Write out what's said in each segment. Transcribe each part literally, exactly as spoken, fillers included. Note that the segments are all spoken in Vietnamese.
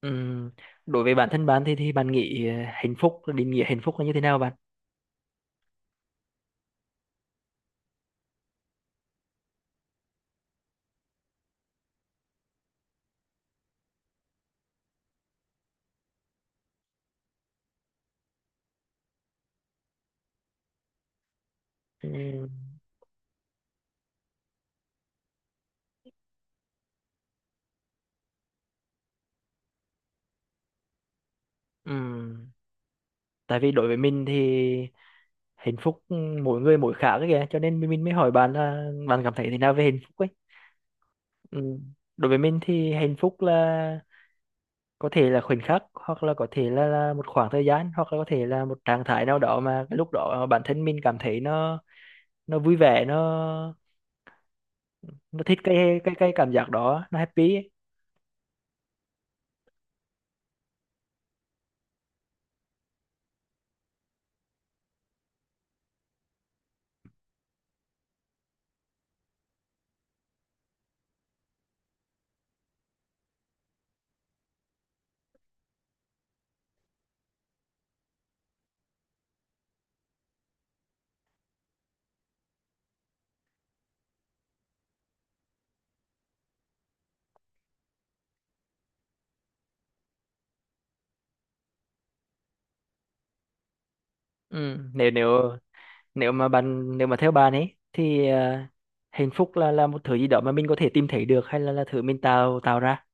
Ừm, Đối với bản thân bạn thì thì bạn nghĩ ờ, hạnh phúc định nghĩa hạnh phúc là như thế nào bạn? Ừm, ừm, Tại vì đối với mình thì hạnh phúc mỗi người mỗi khác ấy kìa, cho nên mình mình mới hỏi bạn là bạn cảm thấy thế nào về hạnh phúc ấy. Ừm, Đối với mình thì hạnh phúc là có thể là khoảnh khắc, hoặc là có thể là, là một khoảng thời gian, hoặc là có thể là một trạng thái nào đó mà cái lúc đó bản thân mình cảm thấy nó nó vui vẻ, nó nó thích cái cái cái cảm giác đó, nó happy ấy. Ừ, nếu nếu nếu mà bạn nếu mà theo bạn ấy thì ờ, hạnh phúc là là một thứ gì đó mà mình có thể tìm thấy được, hay là là thứ mình tạo tạo ra,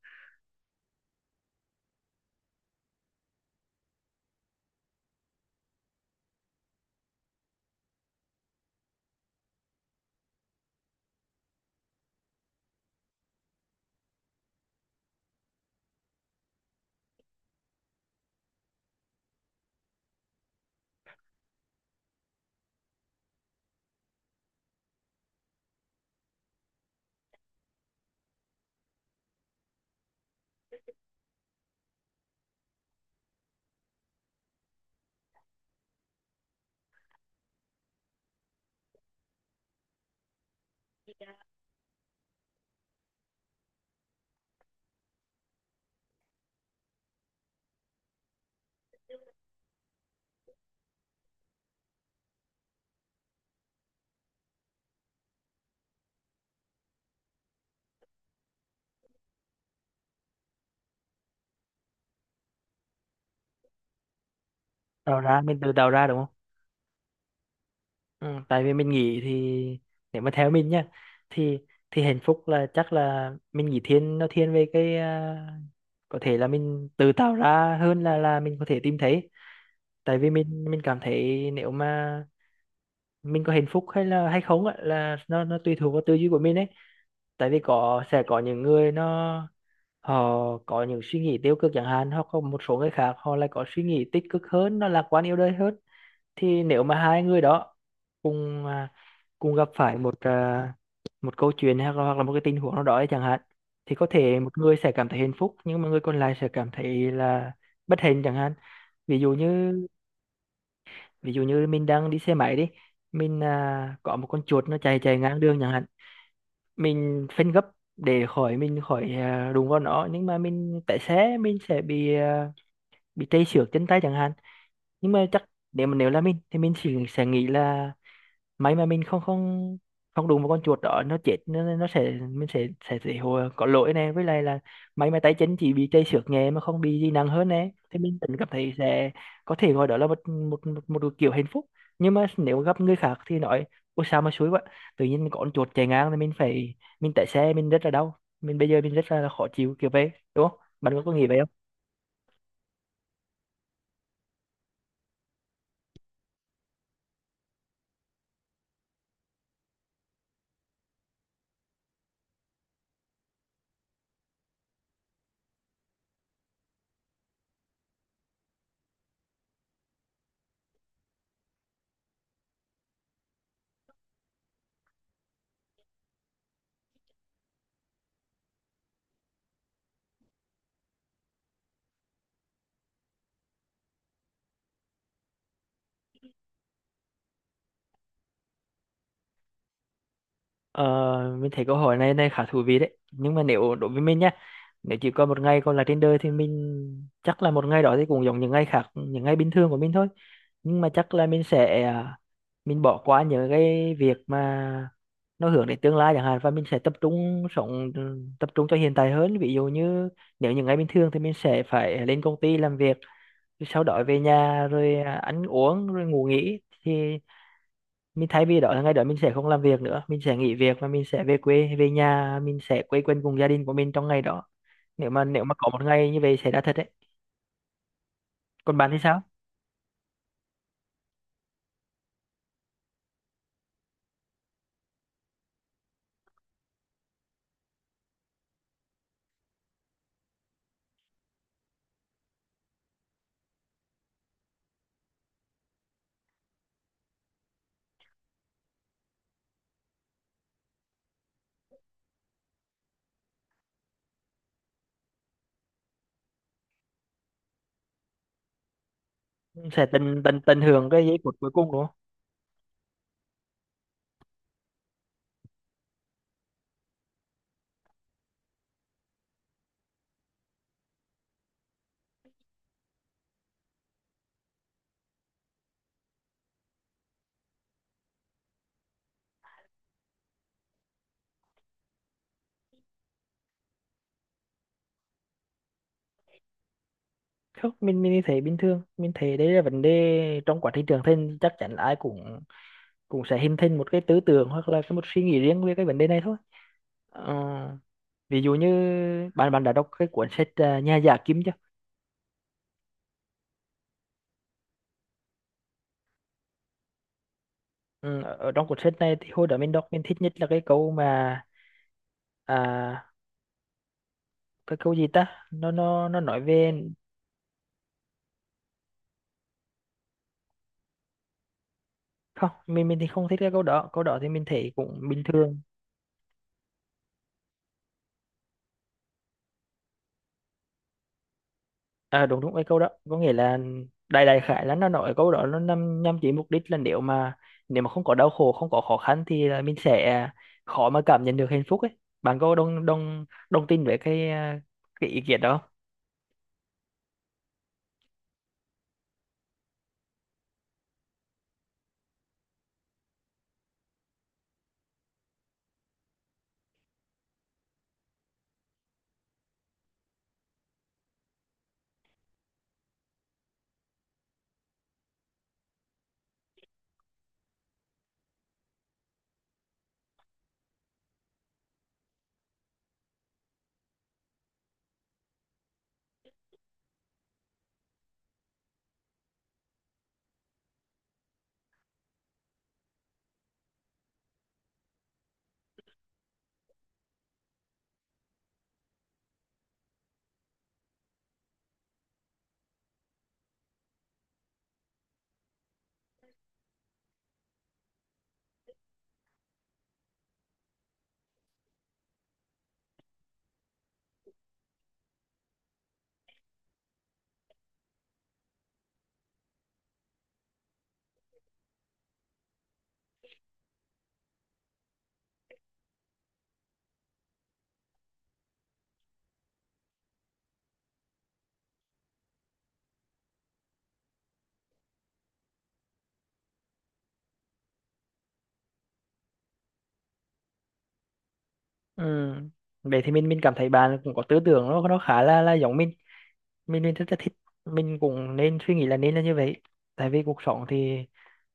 tạo ra mình tự tạo ra đúng không? Ừ, tại vì mình nghĩ thì nếu mà theo mình nhá, thì thì hạnh phúc là chắc là mình nghĩ thiên, nó thiên về cái ờ, có thể là mình tự tạo ra hơn là là mình có thể tìm thấy. Tại vì mình mình cảm thấy nếu mà mình có hạnh phúc hay là hay không á, là nó nó tùy thuộc vào tư duy của mình ấy. Tại vì có sẽ có những người nó họ có những suy nghĩ tiêu cực chẳng hạn, hoặc có một số người khác họ lại có suy nghĩ tích cực hơn, nó lạc quan yêu đời hơn. Thì nếu mà hai người đó cùng à, cùng gặp phải một à, một câu chuyện hay hoặc là một cái tình huống nào đó ấy chẳng hạn, thì có thể một người sẽ cảm thấy hạnh phúc, nhưng mà người còn lại sẽ cảm thấy là bất hạnh chẳng hạn. ví dụ như Ví dụ như mình đang đi xe máy đi, mình à, có một con chuột nó chạy chạy ngang đường chẳng hạn. Mình phanh gấp để khỏi, mình khỏi à, đụng vào nó, nhưng mà mình tại xe, mình sẽ bị à, bị tê xước chân tay chẳng hạn, nhưng mà chắc nếu mà nếu là mình thì mình chỉ sẽ nghĩ là may mà mình không không không đụng vào con chuột đó, nó chết, nó, nó sẽ mình sẽ sẽ sẽ hồi có lỗi nè, với lại là may mà tay chân chỉ bị chảy xước nhẹ mà không bị gì nặng hơn nè, thì mình vẫn cảm thấy sẽ có thể gọi đó là một một một, một kiểu hạnh phúc. Nhưng mà nếu gặp người khác thì nói ôi sao mà xui quá, tự nhiên có con chuột chạy ngang, thì mình phải, mình tại xe, mình rất là đau, mình bây giờ mình rất là khó chịu kiểu vậy đúng không, bạn có có nghĩ vậy? Ờ, mình thấy câu hỏi này này khá thú vị đấy, nhưng mà nếu đối với mình nhá, nếu chỉ có một ngày còn là trên đời thì mình chắc là một ngày đó thì cũng giống những ngày khác, những ngày bình thường của mình thôi. Nhưng mà chắc là mình sẽ à, mình bỏ qua những cái việc mà nó hướng đến tương lai chẳng hạn, và mình sẽ tập trung sống, ừ, tập trung cho hiện tại hơn. Ví dụ như nếu những ngày bình thường thì mình sẽ phải lên công ty làm việc, sau đó về nhà rồi à, ăn uống rồi ngủ nghỉ, thì mình thay vì đó là ngày đó mình sẽ không làm việc nữa, mình sẽ nghỉ việc, và mình sẽ về quê về nhà, mình sẽ quây quần cùng gia đình của mình trong ngày đó, nếu mà nếu mà có một ngày như vậy xảy ra thật đấy. Còn bạn thì sao? Sẽ tận tận tận hưởng cái giây phút cuối cùng đúng không? Không, mình mình thấy bình thường, mình thấy đấy là vấn đề trong quá trình trưởng thành, chắc chắn là ai cũng cũng sẽ hình thành một cái tư tưởng hoặc là cái một suy nghĩ riêng về cái vấn đề này thôi. Ờ, ví dụ như bạn bạn đã đọc cái cuốn sách à, Nhà giả Kim chưa? Ừ, ở ở trong cuốn sách này thì hồi đó mình đọc, mình thích nhất là cái câu mà à, cái câu gì ta, nó nó nó nói về không, mình mình thì không thích cái câu đó, câu đó thì mình thấy cũng bình thường. À, đúng đúng cái câu đó có nghĩa là đại đại khái là nó nói, câu đó nó nhằm nhằm chỉ mục đích là nếu mà nếu mà không có đau khổ, không có khó khăn thì là mình sẽ khó mà cảm nhận được hạnh phúc ấy, bạn có đồng đồng đồng tin với cái à, cái ý kiến đó không? Ừ. Vậy thì mình mình cảm thấy bạn cũng có tư tưởng, nó nó khá là là giống mình. Mình mình rất là thích, mình cũng nên suy nghĩ là nên là như vậy. Tại vì cuộc sống thì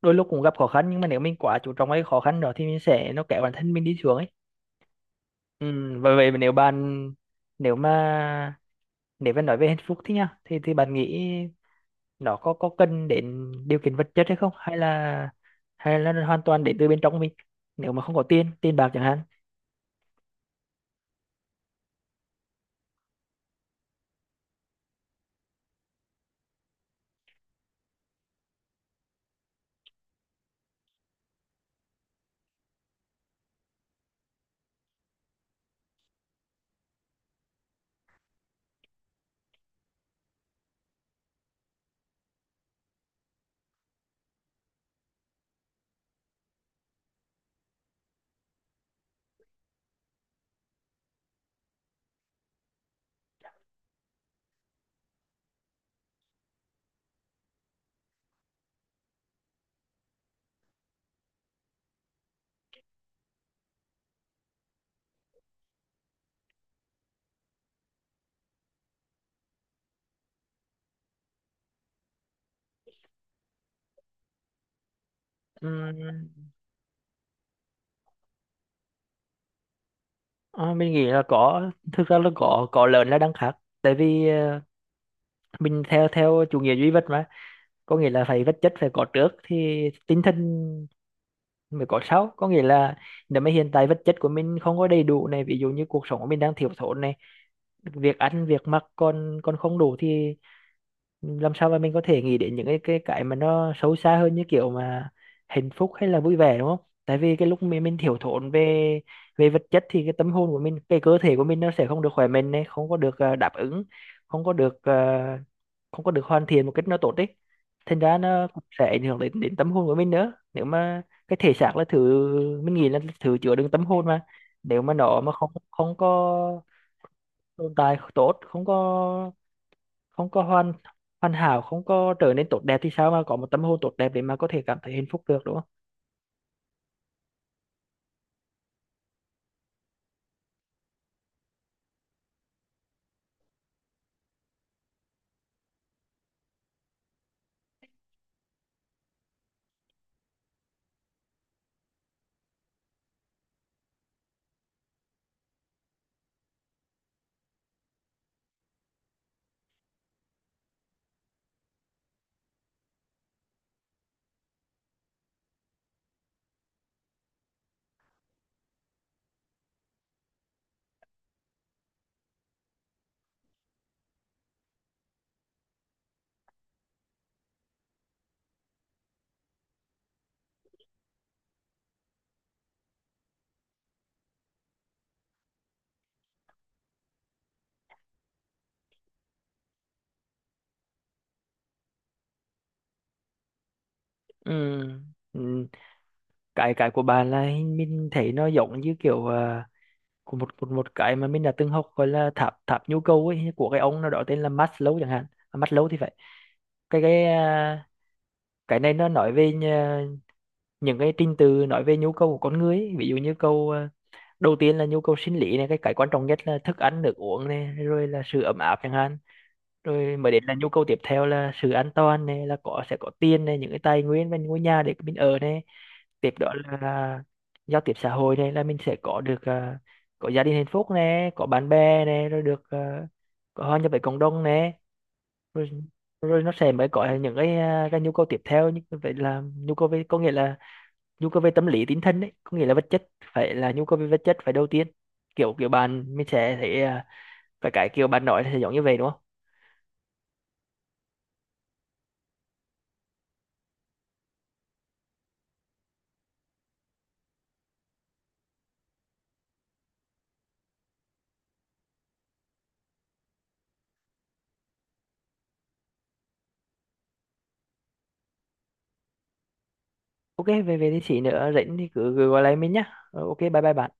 đôi lúc cũng gặp khó khăn, nhưng mà nếu mình quá chú trọng cái khó khăn đó thì mình sẽ nó kéo bản thân mình đi xuống ấy. ừ, và vậy nếu bạn, nếu mà nếu mà nói về hạnh phúc thì nha, thì thì bạn nghĩ nó có có cần đến điều kiện vật chất hay không, hay là hay là nó hoàn toàn đến từ bên trong mình, nếu mà không có tiền tiền bạc chẳng hạn. Ừm, à, mình nghĩ là có, thực ra là có có lớn là đang khác, tại vì ờ, mình theo theo chủ nghĩa duy vật mà, có nghĩa là phải vật chất phải có trước thì tinh thần mới có sau, có nghĩa là nếu mà hiện tại vật chất của mình không có đầy đủ này, ví dụ như cuộc sống của mình đang thiếu thốn này, việc ăn việc mặc còn còn không đủ thì làm sao mà mình có thể nghĩ đến những cái cái cái mà nó sâu xa hơn, như kiểu mà hạnh phúc hay là vui vẻ đúng không? Tại vì cái lúc mình mình thiếu thốn về về vật chất thì cái tâm hồn của mình, cái cơ thể của mình nó sẽ không được khỏe mạnh này, không có được ờ, đáp ứng, không có được, ờ, không có được hoàn thiện một cách nó tốt đấy, thành ra nó cũng sẽ ảnh hưởng đến đến tâm hồn của mình nữa, nếu mà cái thể xác là thứ mình nghĩ là thứ chứa đựng tâm hồn mà. Nếu mà nó mà không không có tồn tại tốt, không có không có hoàn, hoàn hảo, không có trở nên tốt đẹp thì sao mà có một tâm hồn tốt đẹp để mà có thể cảm thấy hạnh phúc được đúng không? Ừ. Ừ. cái cái của bạn là hình- mình thấy nó giống như kiểu à, của một một một cái mà mình đã từng học, gọi là tháp tháp nhu cầu ấy, của cái ông nào đó tên là Maslow chẳng hạn. à, Maslow thì phải. cái cái à, cái này nó nói về nhà- những cái trình tự nói về nhu cầu của con người ấy. Ví dụ như câu à, đầu tiên là nhu cầu sinh lý này, cái cái quan trọng nhất là thức ăn nước uống này, rồi là sự ấm áp chẳng hạn, rồi mới đến là nhu cầu tiếp theo là sự an toàn này, là có sẽ có tiền này, những cái tài nguyên và ngôi nhà để mình ở này, tiếp đó là giao tiếp xã hội này, là mình sẽ có được à, có gia đình hạnh phúc này, có bạn bè này, rồi được à, có hòa nhập với cộng đồng này, rồi, rồi nó sẽ mới có những cái, à, cái nhu cầu tiếp theo như vậy, là nhu cầu về, có nghĩa là nhu cầu về tâm lý tinh thần đấy, có nghĩa là vật chất phải là nhu cầu về vật chất phải đầu tiên, kiểu kiểu bạn mình sẽ thấy à, phải cái kiểu bạn nói là sẽ giống như vậy đúng không? OK. Về về thì chị nữa rảnh thì cứ, cứ gọi lại mình nhá. Ờ, ok, bye bye bạn.